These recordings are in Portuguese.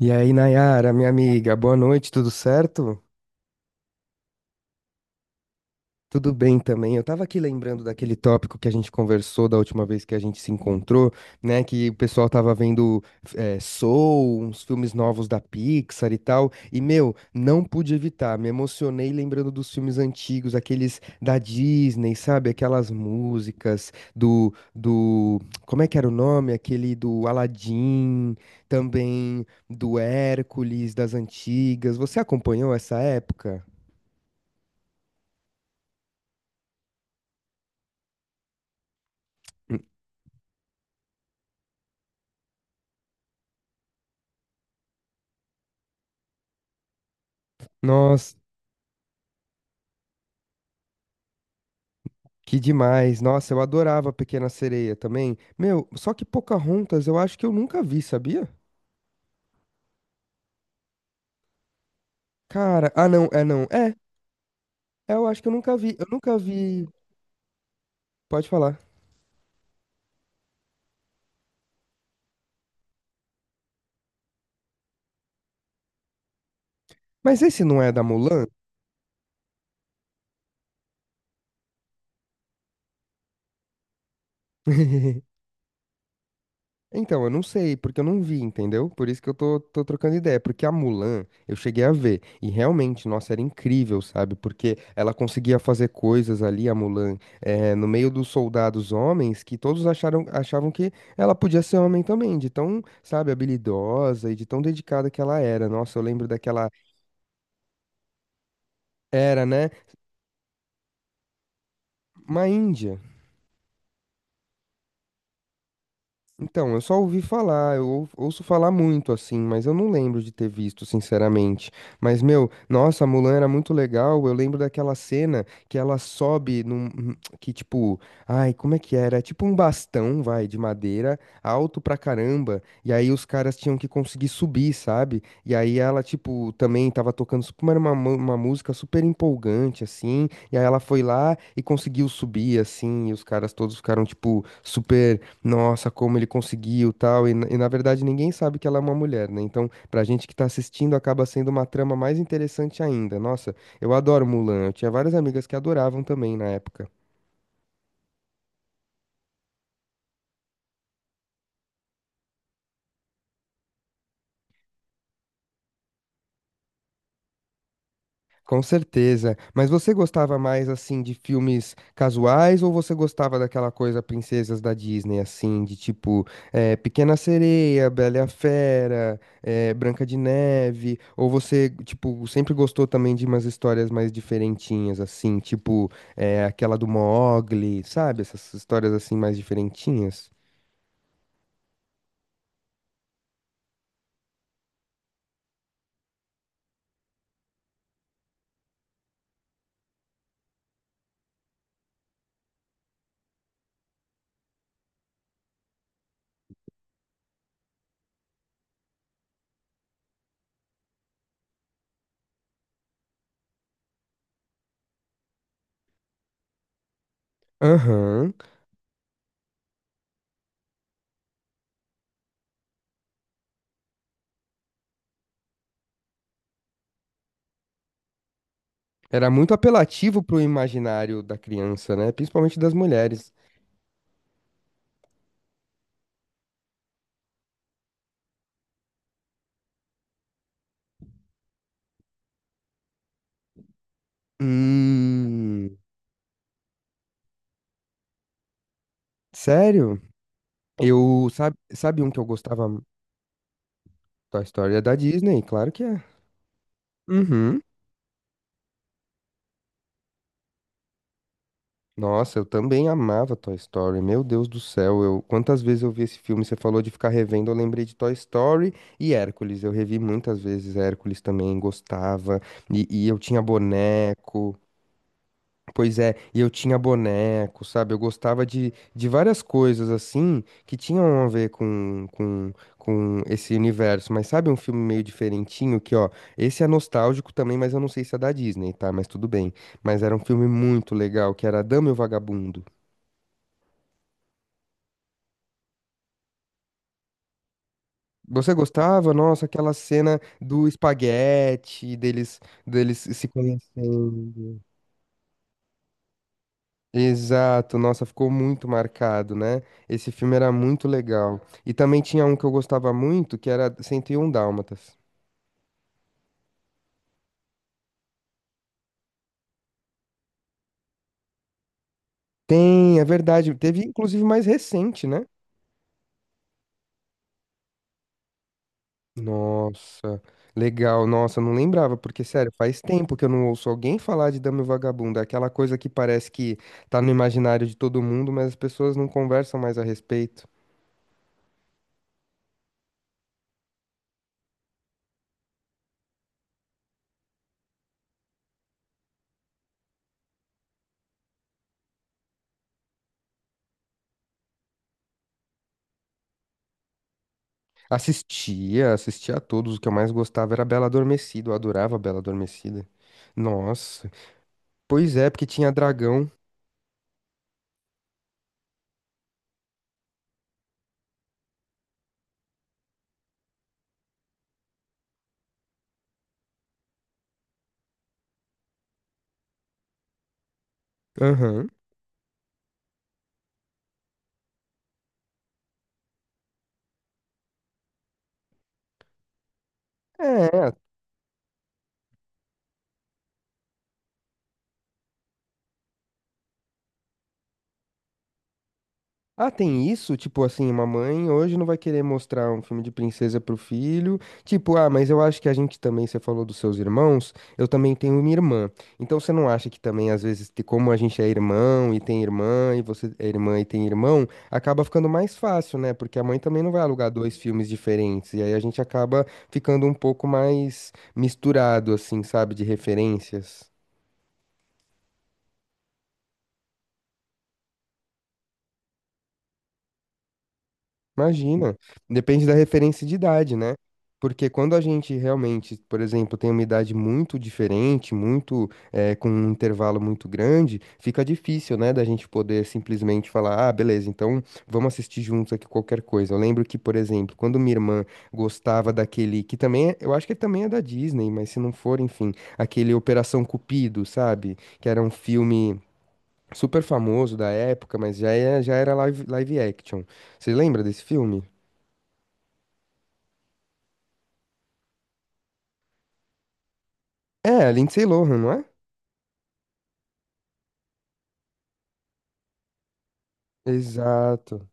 E aí, Nayara, minha amiga, boa noite, tudo certo? Tudo bem também. Eu estava aqui lembrando daquele tópico que a gente conversou da última vez que a gente se encontrou, né? Que o pessoal estava vendo Soul, uns filmes novos da Pixar e tal. E, meu, não pude evitar. Me emocionei lembrando dos filmes antigos, aqueles da Disney, sabe? Aquelas músicas do. Como é que era o nome? Aquele do Aladdin, também do Hércules, das antigas. Você acompanhou essa época? Nossa. Que demais. Nossa, eu adorava a Pequena Sereia também. Meu, só que Pocahontas eu acho que eu nunca vi, sabia? Cara, ah não, é não. Eu acho que eu nunca vi. Eu nunca vi. Pode falar. Mas esse não é da Mulan? Então, eu não sei, porque eu não vi, entendeu? Por isso que eu tô trocando ideia, porque a Mulan eu cheguei a ver, e realmente, nossa, era incrível, sabe? Porque ela conseguia fazer coisas ali, a Mulan, no meio dos soldados homens, que achavam que ela podia ser homem também, de tão, sabe, habilidosa e de tão dedicada que ela era. Nossa, eu lembro daquela era, né? Uma índia. Então, eu só ouvi falar, ouço falar muito assim, mas eu não lembro de ter visto, sinceramente. Mas, meu, nossa, a Mulan era muito legal. Eu lembro daquela cena que ela sobe num. Que tipo. Ai, como é que era? É tipo um bastão, vai, de madeira, alto pra caramba. E aí os caras tinham que conseguir subir, sabe? E aí ela, tipo, também tava tocando. Como era uma música super empolgante, assim. E aí ela foi lá e conseguiu subir, assim. E os caras todos ficaram, tipo, super nossa, como ele conseguiu, tal, e na verdade ninguém sabe que ela é uma mulher, né? Então, pra gente que tá assistindo, acaba sendo uma trama mais interessante ainda. Nossa, eu adoro Mulan, eu tinha várias amigas que adoravam também na época. Com certeza. Mas você gostava mais assim de filmes casuais ou você gostava daquela coisa princesas da Disney assim, de tipo Pequena Sereia, Bela e a Fera, Branca de Neve? Ou você tipo sempre gostou também de umas histórias mais diferentinhas assim, tipo aquela do Mogli, sabe? Essas histórias assim mais diferentinhas? Aham. Era muito apelativo pro imaginário da criança, né? Principalmente das mulheres. Hum. Sério? Eu, sabe um que eu gostava? Mu- Toy Story é da Disney, claro que é. Uhum. Nossa, eu também amava Toy Story. Meu Deus do céu, eu quantas vezes eu vi esse filme? Você falou de ficar revendo, eu lembrei de Toy Story e Hércules. Eu revi muitas vezes Hércules também, gostava. E eu tinha boneco. Pois é, e eu tinha boneco, sabe? Eu gostava de várias coisas assim que tinham a ver com esse universo. Mas sabe um filme meio diferentinho que, ó, esse é nostálgico também, mas eu não sei se é da Disney, tá? Mas tudo bem. Mas era um filme muito legal, que era A Dama e o Vagabundo. Você gostava? Nossa, aquela cena do espaguete, deles se conhecendo. Exato, nossa, ficou muito marcado, né? Esse filme era muito legal. E também tinha um que eu gostava muito, que era 101 Dálmatas. Tem, é verdade. Teve inclusive mais recente, né? Nossa, legal. Nossa, eu não lembrava, porque sério, faz tempo que eu não ouço alguém falar de Dama e o Vagabundo. É aquela coisa que parece que tá no imaginário de todo mundo, mas as pessoas não conversam mais a respeito. Assistia, assistia a todos. O que eu mais gostava era Bela Adormecida. Eu adorava Bela Adormecida. Nossa. Pois é, porque tinha dragão. Aham. É. Ah, tem isso? Tipo assim, uma mãe hoje não vai querer mostrar um filme de princesa pro filho. Tipo, ah, mas eu acho que a gente também, você falou dos seus irmãos, eu também tenho minha irmã. Então você não acha que também, às vezes, te- como a gente é irmão e tem irmã, e você é irmã e tem irmão, acaba ficando mais fácil, né? Porque a mãe também não vai alugar dois filmes diferentes. E aí a gente acaba ficando um pouco mais misturado, assim, sabe, de referências. Imagina. Depende da referência de idade, né? Porque quando a gente realmente, por exemplo, tem uma idade muito diferente, muito, com um intervalo muito grande, fica difícil, né, da gente poder simplesmente falar, ah, beleza, então vamos assistir juntos aqui qualquer coisa. Eu lembro que, por exemplo, quando minha irmã gostava daquele, que também, é- eu acho que também é da Disney, mas se não for, enfim, aquele Operação Cupido, sabe? Que era um filme super famoso da época, mas já, é, já era live action. Você lembra desse filme? É, a Lindsay Lohan, não é? Exato.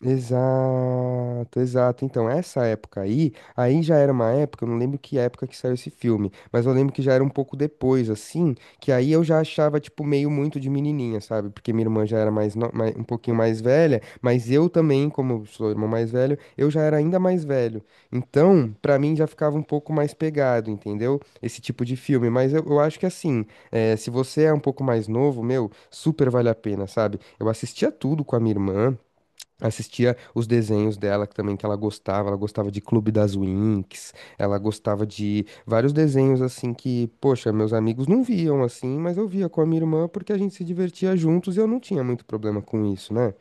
Exato, exato. Então, essa época aí, aí já era uma época, eu não lembro que época que saiu esse filme, mas eu lembro que já era um pouco depois, assim, que aí eu já achava, tipo, meio muito de menininha, sabe? Porque minha irmã já era mais, um pouquinho mais velha, mas eu também, como eu sou irmão mais velho, eu já era ainda mais velho. Então, pra mim já ficava um pouco mais pegado, entendeu? Esse tipo de filme. Mas eu acho que, assim, se você é um pouco mais novo, meu, super vale a pena, sabe? Eu assistia tudo com a minha irmã. Assistia os desenhos dela que ela gostava de Clube das Winx, ela gostava de vários desenhos assim que, poxa, meus amigos não viam assim, mas eu via com a minha irmã porque a gente se divertia juntos e eu não tinha muito problema com isso, né?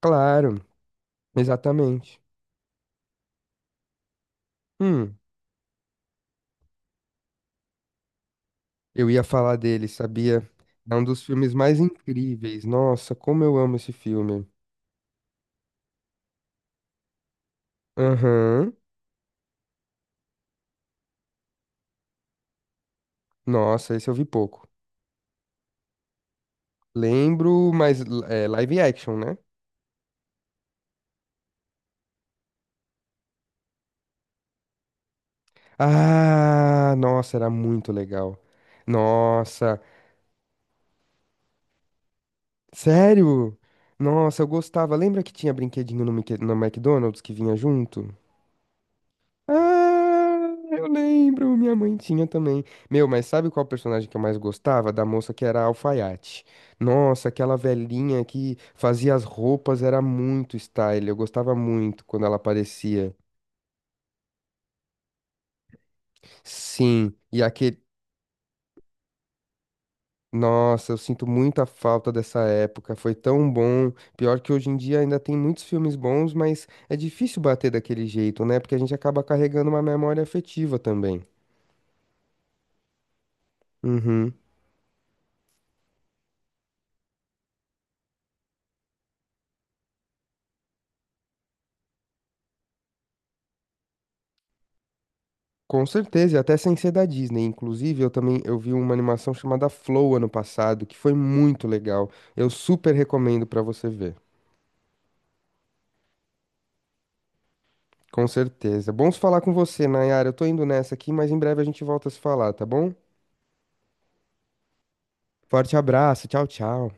Claro, exatamente. Hum, eu ia falar dele, sabia? É um dos filmes mais incríveis. Nossa, como eu amo esse filme. Aham. Nossa, esse eu vi pouco. Lembro, mas é live action, né? Ah, nossa, era muito legal. Nossa, sério? Nossa, eu gostava. Lembra que tinha brinquedinho Mickey- no McDonald's que vinha junto? Ah, eu lembro, minha mãe tinha também. Meu, mas sabe qual personagem que eu mais gostava? Da moça que era alfaiate. Nossa, aquela velhinha que fazia as roupas era muito style. Eu gostava muito quando ela aparecia. Sim, e aquele. Nossa, eu sinto muita falta dessa época. Foi tão bom. Pior que hoje em dia ainda tem muitos filmes bons, mas é difícil bater daquele jeito, né? Porque a gente acaba carregando uma memória afetiva também. Uhum. Com certeza, e até sem ser da Disney. Inclusive, eu também eu vi uma animação chamada Flow ano passado, que foi muito legal. Eu super recomendo pra você ver. Com certeza. Bons falar com você, Nayara. Eu tô indo nessa aqui, mas em breve a gente volta a se falar, tá bom? Forte abraço. Tchau, tchau.